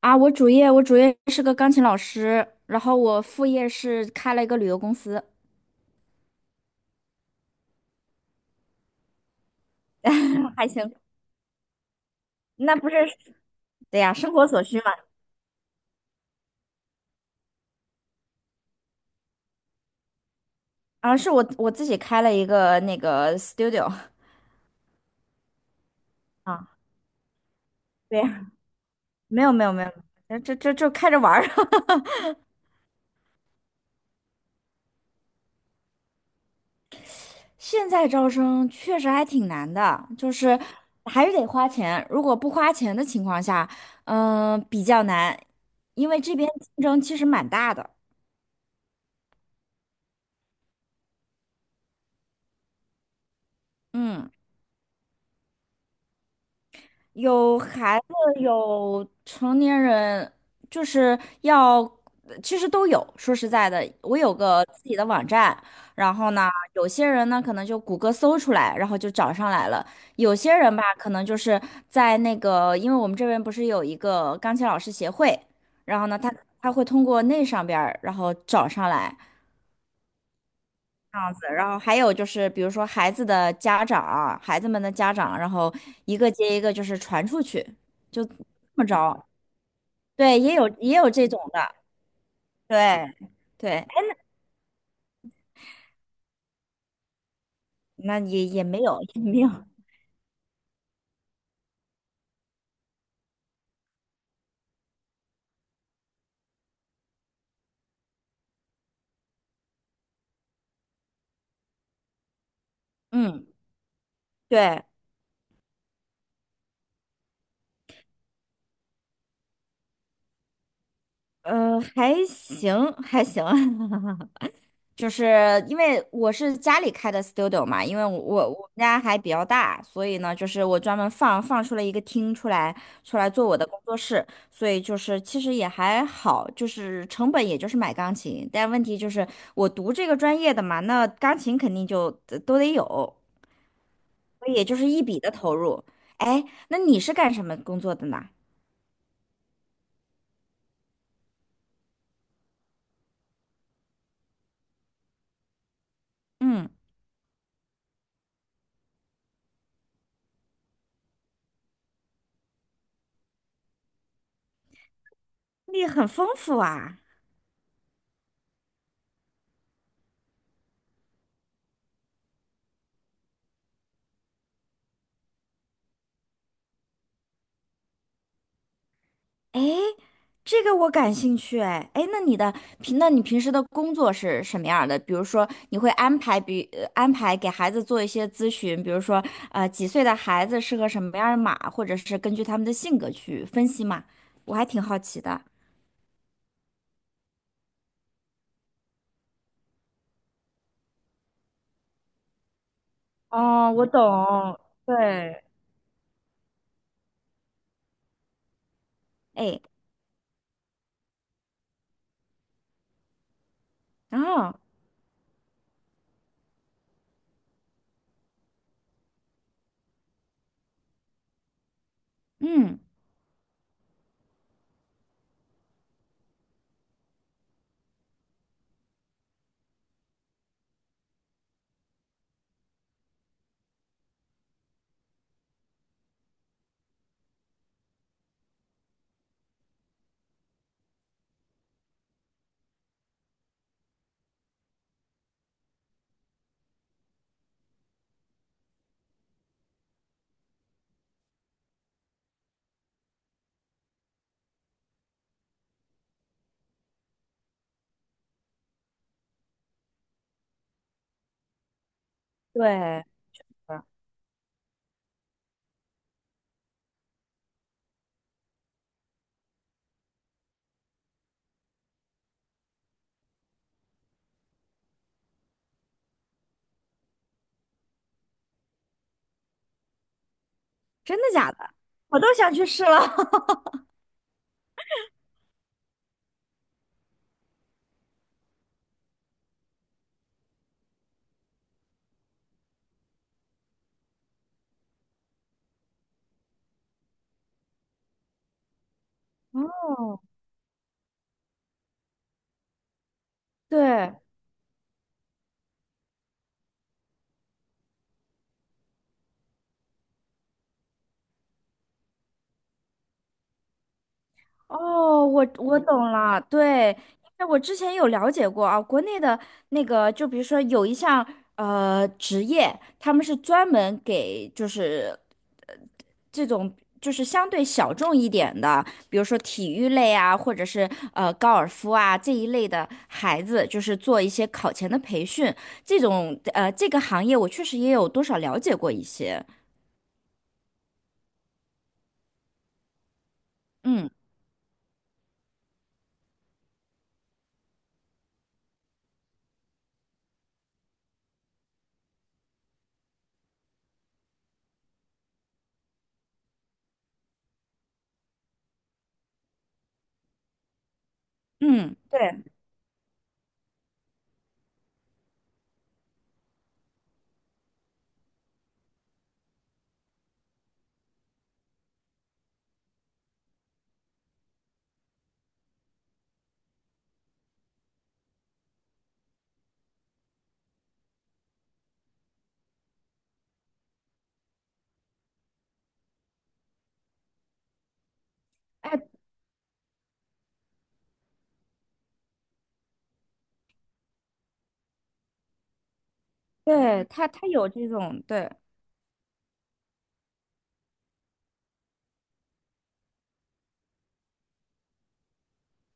啊，我主业是个钢琴老师，然后我副业是开了一个旅游公司，还行。那不是，对呀，生活所需嘛。啊，是我自己开了一个那个 studio 啊 对呀，没有没有没有，这就开着玩儿。现在招生确实还挺难的，就是还是得花钱。如果不花钱的情况下，比较难，因为这边竞争其实蛮大的。嗯。有孩子，有成年人，就是要，其实都有。说实在的，我有个自己的网站，然后呢，有些人呢可能就谷歌搜出来，然后就找上来了；有些人吧，可能就是在那个，因为我们这边不是有一个钢琴老师协会，然后呢，他会通过那上边儿，然后找上来。这样子，然后还有就是，比如说孩子的家长，孩子们的家长，然后一个接一个就是传出去，就这么着。对，也有这种的，对对，哎那也没有也没有，嗯，对，还行还行，就是因为我是家里开的 studio 嘛，因为我们家还比较大，所以呢，就是我专门放出了一个厅出来，出来做我的工作室，所以就是其实也还好，就是成本也就是买钢琴，但问题就是我读这个专业的嘛，那钢琴肯定就都得有，所以也就是一笔的投入。哎，那你是干什么工作的呢？嗯，你很丰富啊。诶，这个我感兴趣哎。诶，那你平时的工作是什么样儿的？比如说，你会安排给孩子做一些咨询，比如说，几岁的孩子适合什么样儿的码，或者是根据他们的性格去分析嘛？我还挺好奇的。哦，我懂，对诶，哦，嗯，对，真的假的？我都想去试了。哦，对。哦，我懂了，对，因为我之前有了解过啊，国内的那个，就比如说有一项职业，他们是专门给就是呃这种就是相对小众一点的，比如说体育类啊，或者是高尔夫啊这一类的孩子，就是做一些考前的培训，这个行业我确实也有多少了解过一些，嗯嗯，对，哎，对，他有这种对。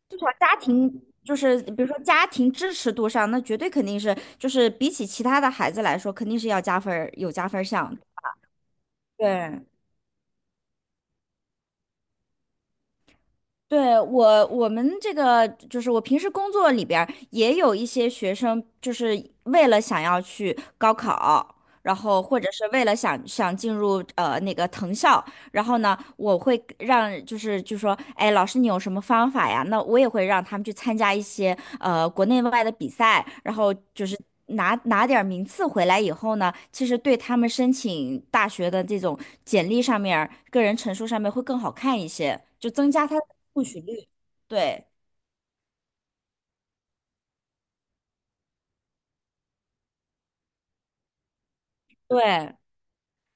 至少家庭就是比如说家庭支持度上，那绝对肯定是就是比起其他的孩子来说，肯定是要加分儿，有加分儿项的对，对，我们这个就是我平时工作里边儿也有一些学生，就是为了想要去高考，然后或者是为了想进入那个藤校，然后呢，我会让就是就说，哎，老师你有什么方法呀？那我也会让他们去参加一些国内外的比赛，然后就是拿点儿名次回来以后呢，其实对他们申请大学的这种简历上面儿个人陈述上面会更好看一些，就增加他。录取率，对对，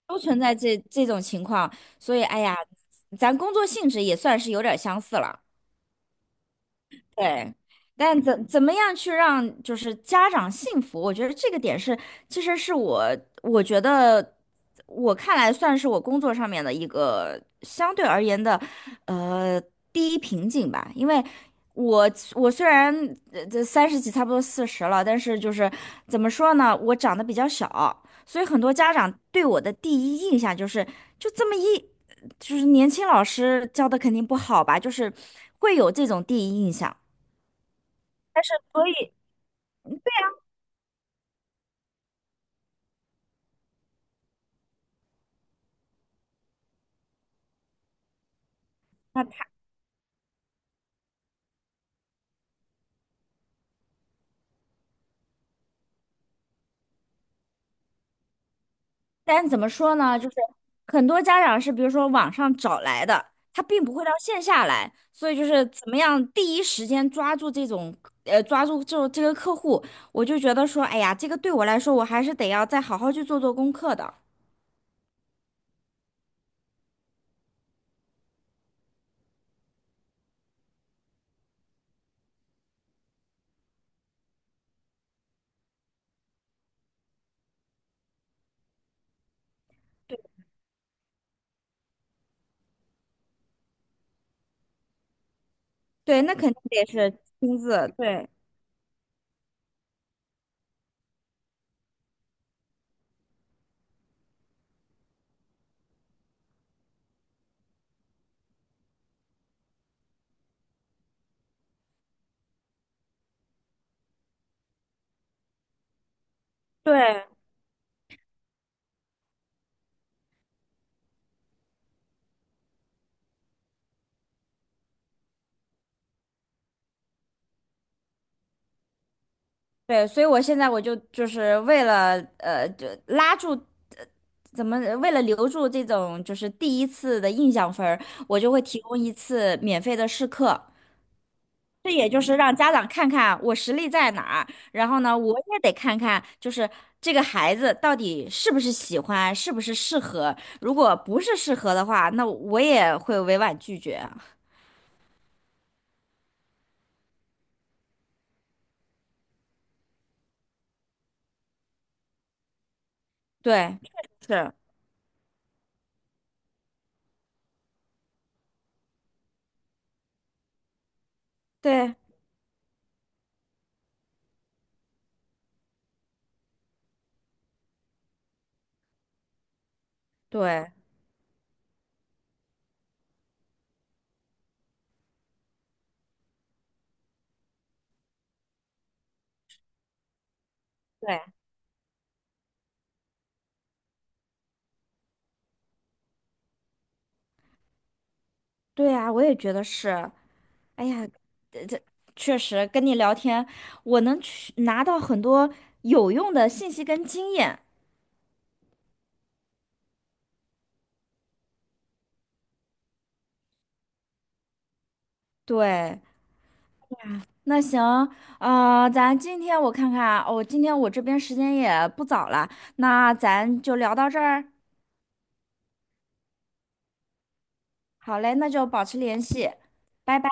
都存在这种情况，所以哎呀，咱工作性质也算是有点相似了。对，但怎么样去让就是家长信服？我觉得这个点是，其实是我觉得我看来算是我工作上面的一个相对而言的呃第一瓶颈吧，因为。我我虽然这三十几，差不多四十了，但是就是怎么说呢，我长得比较小，所以很多家长对我的第一印象就是就这么一，就是年轻老师教的肯定不好吧，就是会有这种第一印象。但是所以那他，但是怎么说呢？就是很多家长是比如说网上找来的，他并不会到线下来，所以就是怎么样第一时间抓住抓住这个客户，我就觉得说，哎呀，这个对我来说，我还是得要再好好去做做功课的。对，那肯定得是亲自，对对。对，所以我现在我就是就拉住，呃怎么为了留住这种就是第一次的印象分儿我就会提供一次免费的试课，这也就是让家长看看我实力在哪儿，然后呢，我也得看看就是这个孩子到底是不是喜欢，是不是适合，如果不是适合的话，那我也会委婉拒绝啊。对，确实是，对对对对啊，我也觉得是。哎呀，确实跟你聊天，我能去拿到很多有用的信息跟经验。对，那行，咱今天我看看啊，哦，今天我这边时间也不早了，那咱就聊到这儿。好嘞，那就保持联系，拜拜。